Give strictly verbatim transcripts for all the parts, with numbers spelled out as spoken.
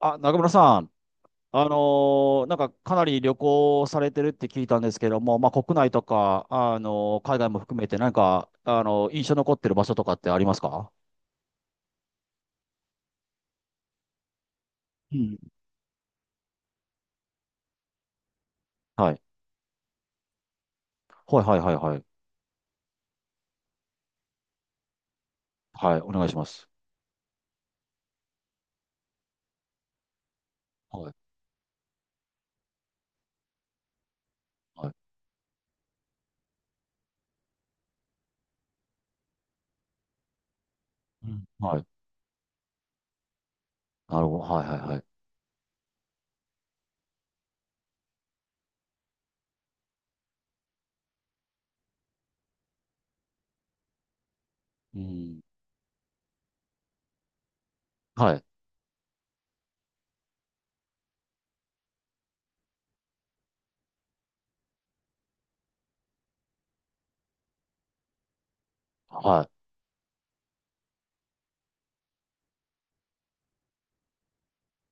あ、中村さん、あのーなんかかなり旅行されてるって聞いたんですけども、まあ、国内とか、あのー海外も含めて何か、あのー印象残ってる場所とかってありますか？うん。はい。はいはいはいはい。はい、お願いします。はい。はい。うん。はい。なるほど。はいはいはい。うん。はい。はい。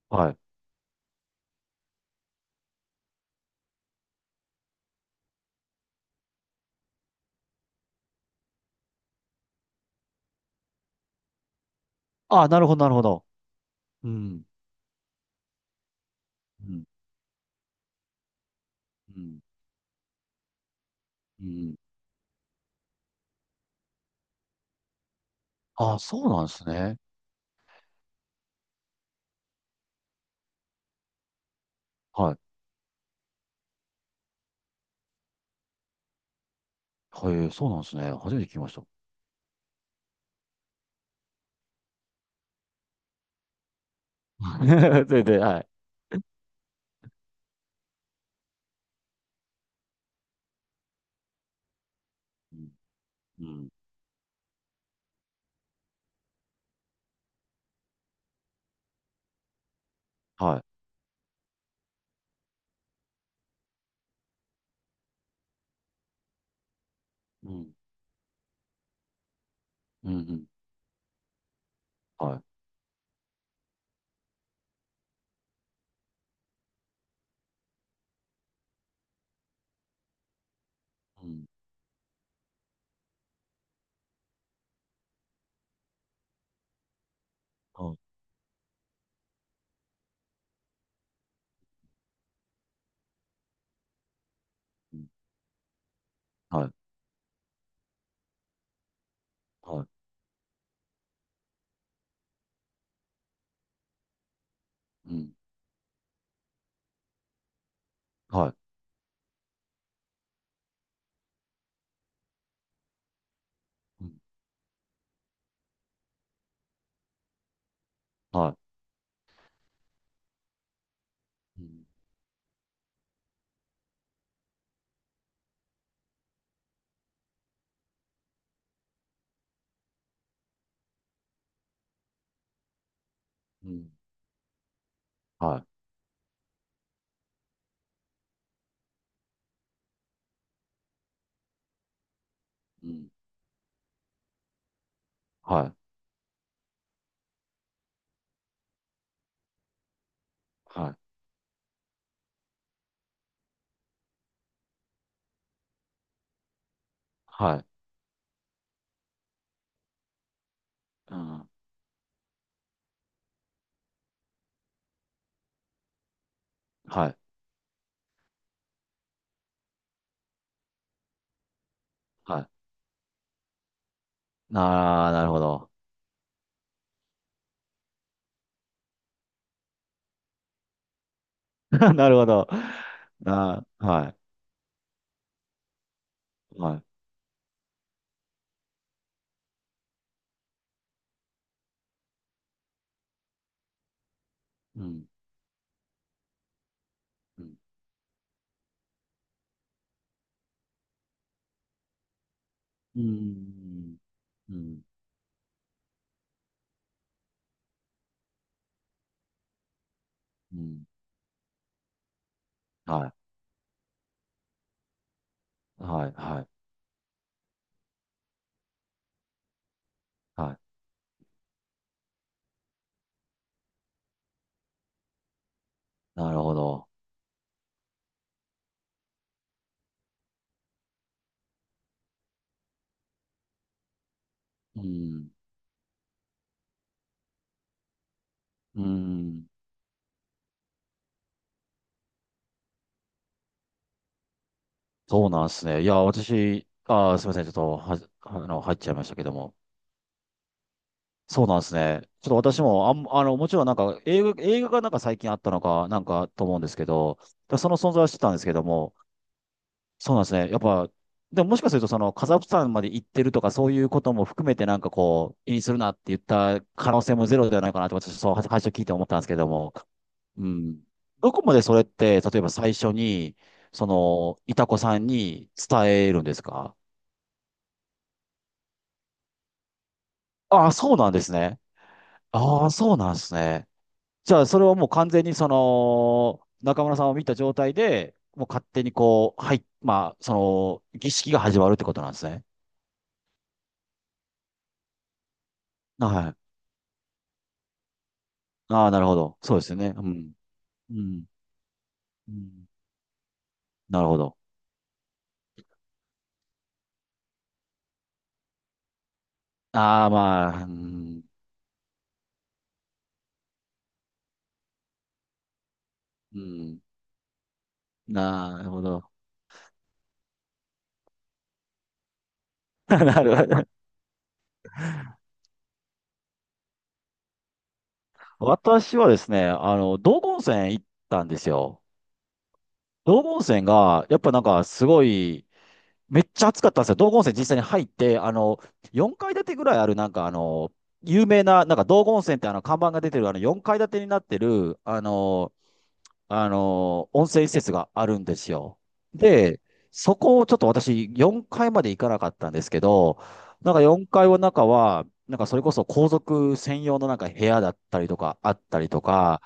はい。あ、なるほどなるほど。うん。うん。うん。うん。あ、そうなんですね。はい。はい、そうなんですね。初めて聞きました。全然、はい。うん。うん。はい。うん。うん。うんはい。うん。はい。うん。はい。はい。うん。はい。うん。はい。うん。うん。はい。うん。はい。はい。はい。うん。はい。はい。ああ、なるほど。なるほど。ああ、はい。はい。うん。うん。うん。うん。うん。はい。はい。はい。はい。なるほど。うん。うん。そうなんですね。いや、私、ああ、すみません。ちょっとは、あの、入っちゃいましたけども。そうなんですね。ちょっと私も、あん、あの、もちろんなんか映画、映画がなんか最近あったのか、なんかと思うんですけど、だその存在は知ってたんですけども、そうなんですね。やっぱ、でももしかするとそのカザフスタンまで行ってるとかそういうことも含めてなんかこう、気にするなって言った可能性もゼロではないかなと私、そう、は最初聞いて思ったんですけども、うん。どこまでそれって、例えば最初に、その、いたこさんに伝えるんですか？ああ、そうなんですね。ああ、そうなんですね。じゃあ、それはもう完全にその、中村さんを見た状態で、もう勝手にこう、はい、まあ、その、儀式が始まるってことなんですね。はい。ああ、なるほど。そうですよね。うん。うん。うん。なるほど。ああ、まあ、うん。うん。なるほど。なるほど。私はですね、あの、道後温泉行ったんですよ。道後温泉が、やっぱなんかすごい、めっちゃ暑かったんですよ。道後温泉実際に入って、あの、よんかい建てぐらいある、なんかあの、有名な、なんか道後温泉ってあの、看板が出てる、あの、よんかい建てになってる、あの、あの、温泉施設があるんですよ。で、そこをちょっと私、よんかいまで行かなかったんですけど、なんかよんかいの中は、なんかそれこそ皇族専用のなんか部屋だったりとか、あったりとか、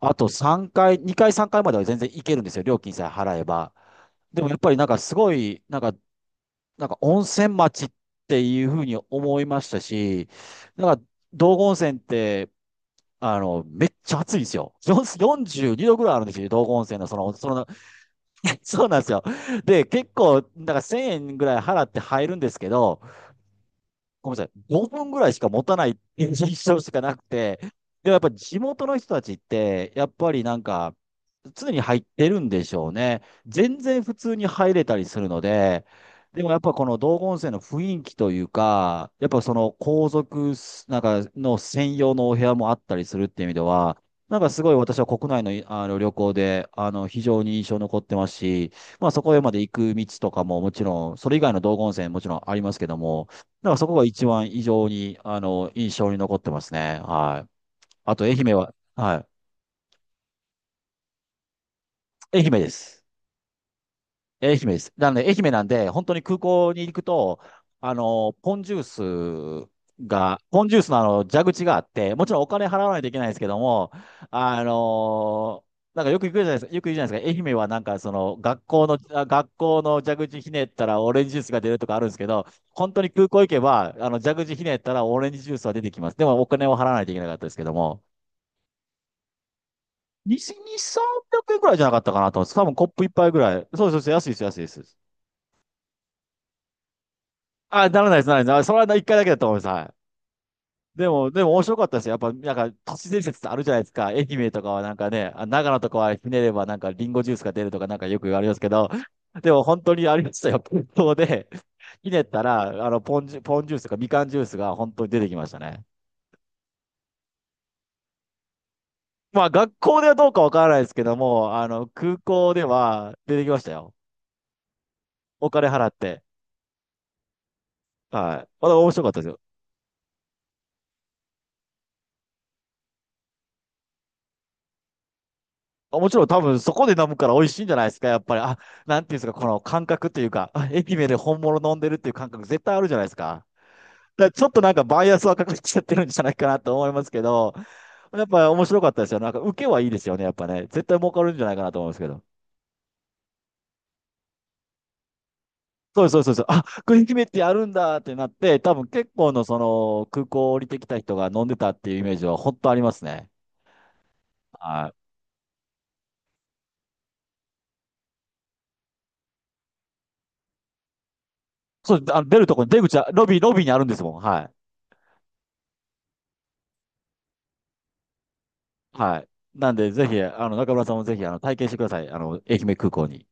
あとさんがい、にかい、さんがいまでは全然行けるんですよ。料金さえ払えば。でもやっぱりなんかすごい、なんかなんか温泉町っていうふうに思いましたし、なんか道後温泉って、あの、めっちゃ暑いんですよ。よん よんじゅうにどぐらいあるんですよ、道後温泉のその、その、そうなんですよ。で、結構、なんかせんえんぐらい払って入るんですけど、ごめんなさい、ごふんぐらいしか持たないっていう印象しかなくて、でもやっぱ地元の人たちって、やっぱりなんか、常に入ってるんでしょうね。全然普通に入れたりするので、でもやっぱこの道後温泉の雰囲気というか、やっぱその皇族なんかの専用のお部屋もあったりするっていう意味では、なんかすごい私は国内の、あの旅行であの非常に印象に残ってますし、まあそこへまで行く道とかももちろん、それ以外の道後温泉もちろんありますけども、だからそこが一番異常に、あの、印象に残ってますね。はい。あと、愛媛は、はい。愛媛です。愛媛です。なんで、愛媛なんで、本当に空港に行くと、あの、ポンジュースが、ポンジュースのあの、蛇口があって、もちろんお金払わないといけないですけども、あのなんかよく行くじゃないですか、よく言うじゃないですか、愛媛はなんかその学校の、あ学校の蛇口ひねったらオレンジジュースが出るとかあるんですけど、本当に空港行けば、あの蛇口ひねったらオレンジジュースは出てきます。でもお金を払わないといけなかったですけども、に、に、さんびゃくえんくえんくらいじゃなかったかなと思うんです。多分コップ一杯ぐらい。そうそうそう、安いです、安いです。あ、ならないです、ならないです。あ、それは一回だけだと思います。はい。でも、でも面白かったですよ。やっぱ、なんか、都市伝説ってあるじゃないですか。愛媛とかはなんかね、あ、長野とかはひねればなんかリンゴジュースが出るとかなんかよく言われますけど、でも本当にありましたよ。本当で、ひねったら、あの、ポンジュ、ポンジュースとかみかんジュースが本当に出てきましたね。まあ、学校ではどうかわからないですけども、あの、空港では出てきましたよ。お金払って。はい。まだ面白かったですよ。あ、もちろん多分そこで飲むから美味しいんじゃないですか、やっぱり。あ、なんていうんですか、この感覚というか、あ、愛媛で本物飲んでるっていう感覚絶対あるじゃないですか。だからちょっとなんかバイアスはかかっちゃってるんじゃないかなと思いますけど、やっぱ面白かったですよ。なんか受けはいいですよね、やっぱね。絶対儲かるんじゃないかなと思うんですけど。そうですそうですそうです。あ、これ愛媛ってやるんだってなって、多分結構のその空港降りてきた人が飲んでたっていうイメージは本当ありますね。はい。そう、あの出るとこに出口は、ロビー、ロビーにあるんですもん。はい。はい。なんで、ぜひ、あの、中村さんもぜひ、あの、体験してください。あの、愛媛空港に。